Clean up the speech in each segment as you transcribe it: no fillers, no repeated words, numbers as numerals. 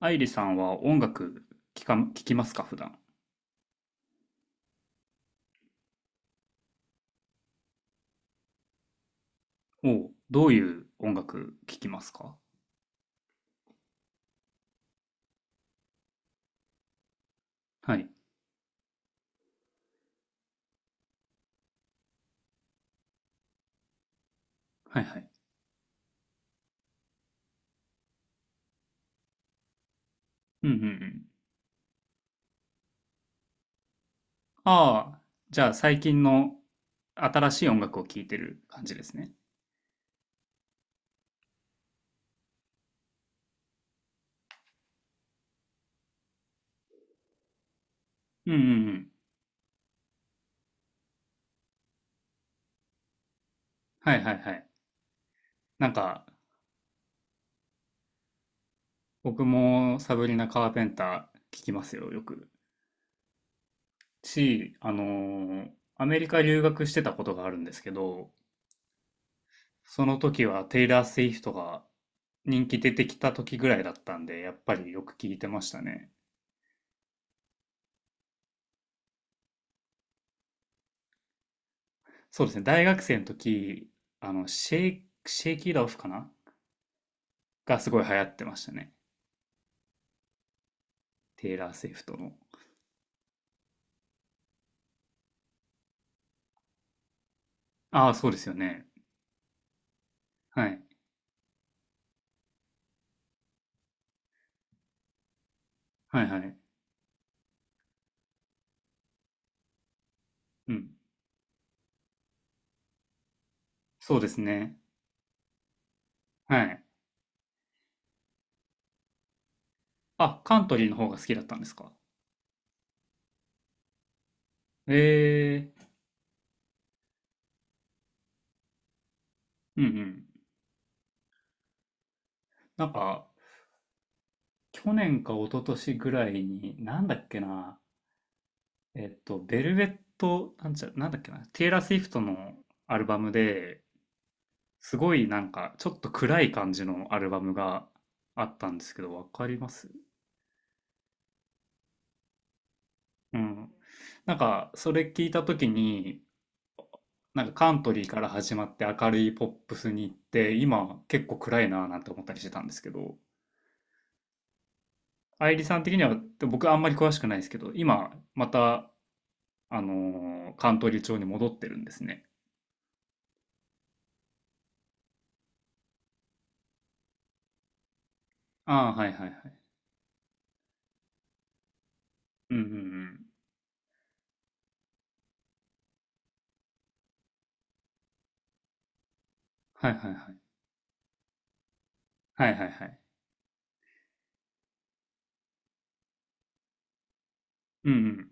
アイリさんは音楽聞きますか、普段。おう、どういう音楽聞きますか？はい、はいはい。うんうんうん。ああ、じゃあ最近の新しい音楽を聴いてる感じですね。うんうんうん。はいはいはい。なんか、僕もサブリナ・カーペンター聞きますよ、よく。あのーアメリカ留学してたことがあるんですけど、その時はテイラー・スウィフトが人気出てきた時ぐらいだったんで、やっぱりよく聞いてましたね。そうですね、大学生の時、あの、シェイキー・ラオフかながすごい流行ってましたね。テイラー・スウィフトの。ああ、そうですよね。はい。はいはい。うん。そうですね。はい。あ、カントリーの方が好きだったんですか？ええー。うんうん。なんか、去年か一昨年ぐらいに、なんだっけな、ベルベット、なんだっけな、テイラー・スウィフトのアルバムで、すごいなんかちょっと暗い感じのアルバムがあったんですけど、わかります？うん。なんかそれ聞いた時に、なんかカントリーから始まって明るいポップスに行って、今結構暗いなぁなんて思ったりしてたんですけど、愛理さん的には、僕あんまり詳しくないですけど、今また、あのーカントリー調に戻ってるんですね。ああ、はいはいはい。うんうんうん。はいはいはい。はいはいはい。うんうん。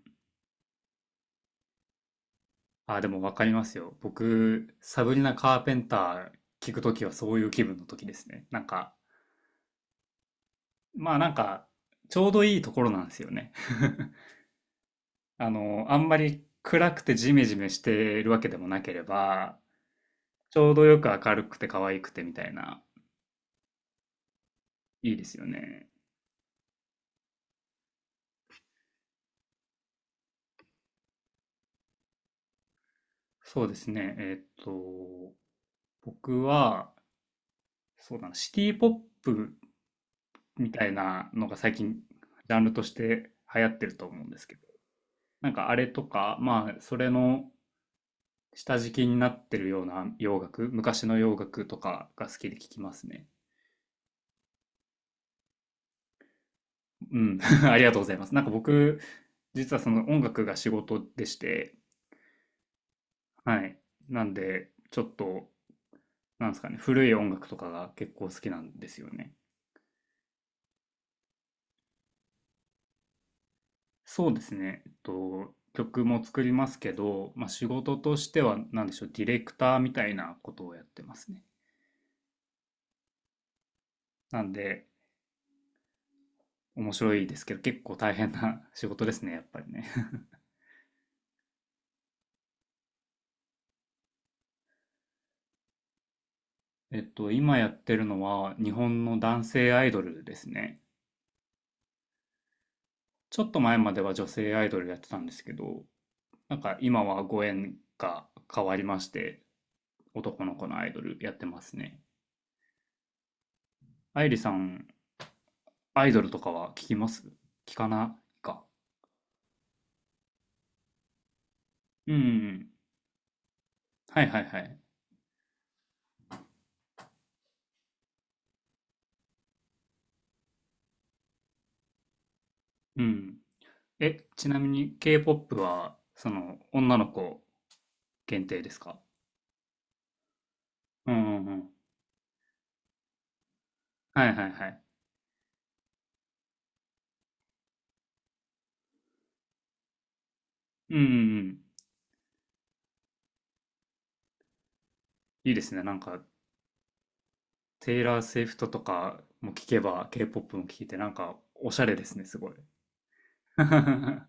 あ、でもわかりますよ。僕、サブリナ・カーペンター聞くときはそういう気分のときですね。なんか、まあなんか、ちょうどいいところなんですよね。あの、あんまり暗くてジメジメしてるわけでもなければ、ちょうどよく明るくて可愛くてみたいな、いいですよね。そうですね。えーっと、僕は、そうだな、シティポップみたいなのが最近、ジャンルとして流行ってると思うんですけど、なんかあれとか、まあ、それの、下敷きになってるような洋楽、昔の洋楽とかが好きで聞きますね。うん、ありがとうございます。なんか僕、実はその音楽が仕事でして、はい。なんで、ちょっと、なんですかね、古い音楽とかが結構好きなんですよね。そうですね、えっと、曲も作りますけど、まあ、仕事としては、なんでしょう、ディレクターみたいなことをやってますね。なんで、面白いですけど、結構大変な 仕事ですね、やっぱりね。えっと、今やってるのは日本の男性アイドルですね。ちょっと前までは女性アイドルやってたんですけど、なんか今はご縁が変わりまして、男の子のアイドルやってますね。愛理さん、アイドルとかは聞きます？聞かないか？うんうん。はいはいはい。うん。え、ちなみに K-POP は、その、女の子限定ですか？うんうんうん。はいはいはい。うんうんうん。いいですね。なんか、テイラー・スウィフトとかも聞けば K-POP も聞いてなんかおしゃれですね、すごい。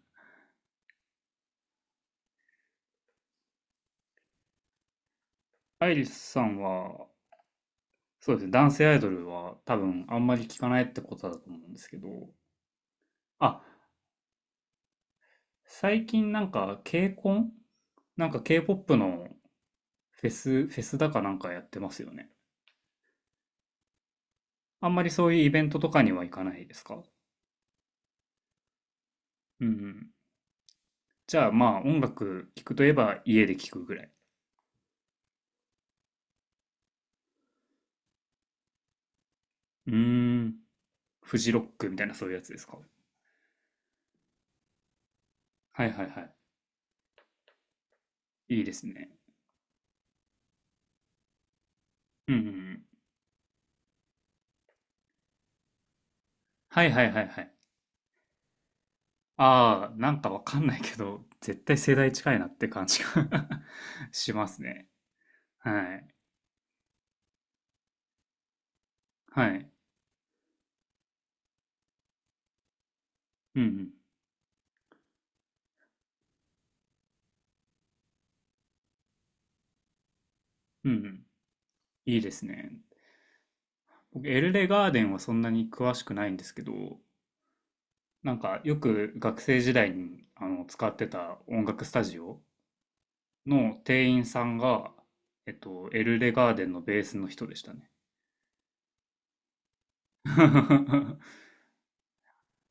アイリスさんは、そうですね、男性アイドルは多分あんまり聞かないってことだと思うんですけど、あ、最近なんか K-CON? なんか K-POP のフェスだかなんかやってますよね。あんまりそういうイベントとかには行かないですか？うんうん。じゃあまあ音楽聞くといえば家で聞くぐらい。うーん。フジロックみたいなそういうやつですか？はいはいはい。いいですね。うんうんうん。はいはいはいはい。ああ、なんかわかんないけど、絶対世代近いなって感じが しますね。はい。はい。うんうん。うんうん。いいですね。僕、エルレガーデンはそんなに詳しくないんですけど、なんかよく学生時代にあの使ってた音楽スタジオの店員さんが、えっと、エルレガーデンのベースの人でしたね。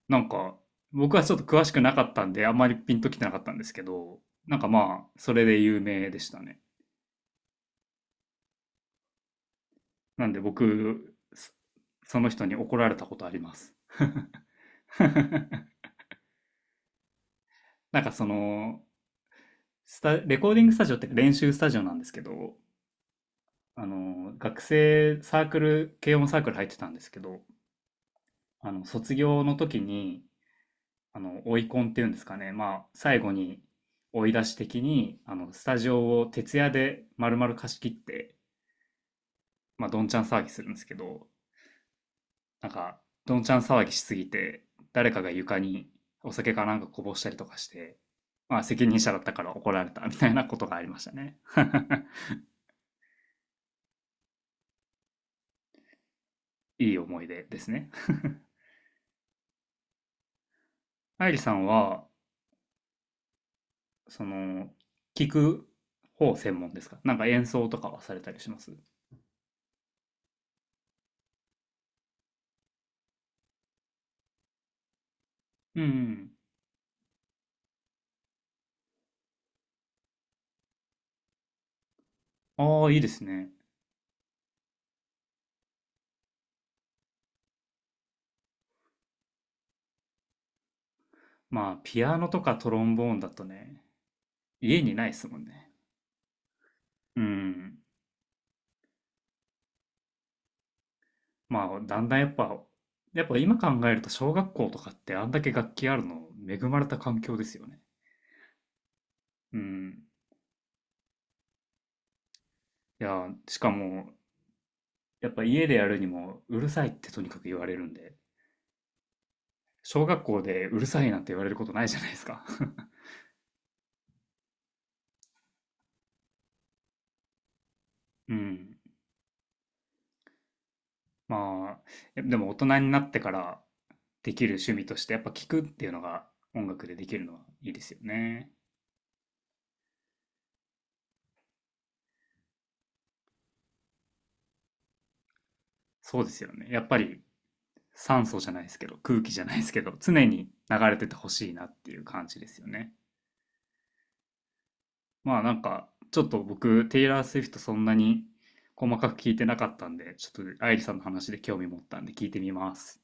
なんか、僕はちょっと詳しくなかったんで、あんまりピンときてなかったんですけど、なんかまあ、それで有名でしたね。なんで僕、そその人に怒られたことあります。なんかその、レコーディングスタジオっていうか練習スタジオなんですけど、あの、学生サークル、軽音サークル入ってたんですけど、あの、卒業の時に、あの、追い込んっていうんですかね、まあ、最後に追い出し的に、あの、スタジオを徹夜で丸々貸し切って、まあ、どんちゃん騒ぎするんですけど、なんか、どんちゃん騒ぎしすぎて、誰かが床にお酒かなんかこぼしたりとかして、まあ、責任者だったから怒られたみたいなことがありましたね いい思い出ですね。愛理さんは、その、聞く方専門ですか？なんか演奏とかはされたりします？うんうん。ああ、いいですね。まあ、ピアノとかトロンボーンだとね、家にないですもんね。うん。まあ、だんだんやっぱ、やっぱ今考えると小学校とかってあんだけ楽器あるの恵まれた環境ですよね。うん。いや、しかも、やっぱ家でやるにもうるさいってとにかく言われるんで、小学校でうるさいなんて言われることないじゃないですか。うん。まあ、えでも大人になってからできる趣味として、やっぱ聴くっていうのが音楽でできるのはいいですよね。そうですよね。やっぱり酸素じゃないですけど、空気じゃないですけど、常に流れててほしいなっていう感じですよね。まあなんか、ちょっと僕、テイラー・スウィフトそんなに細かく聞いてなかったんで、ちょっと愛理さんの話で興味持ったんで聞いてみます。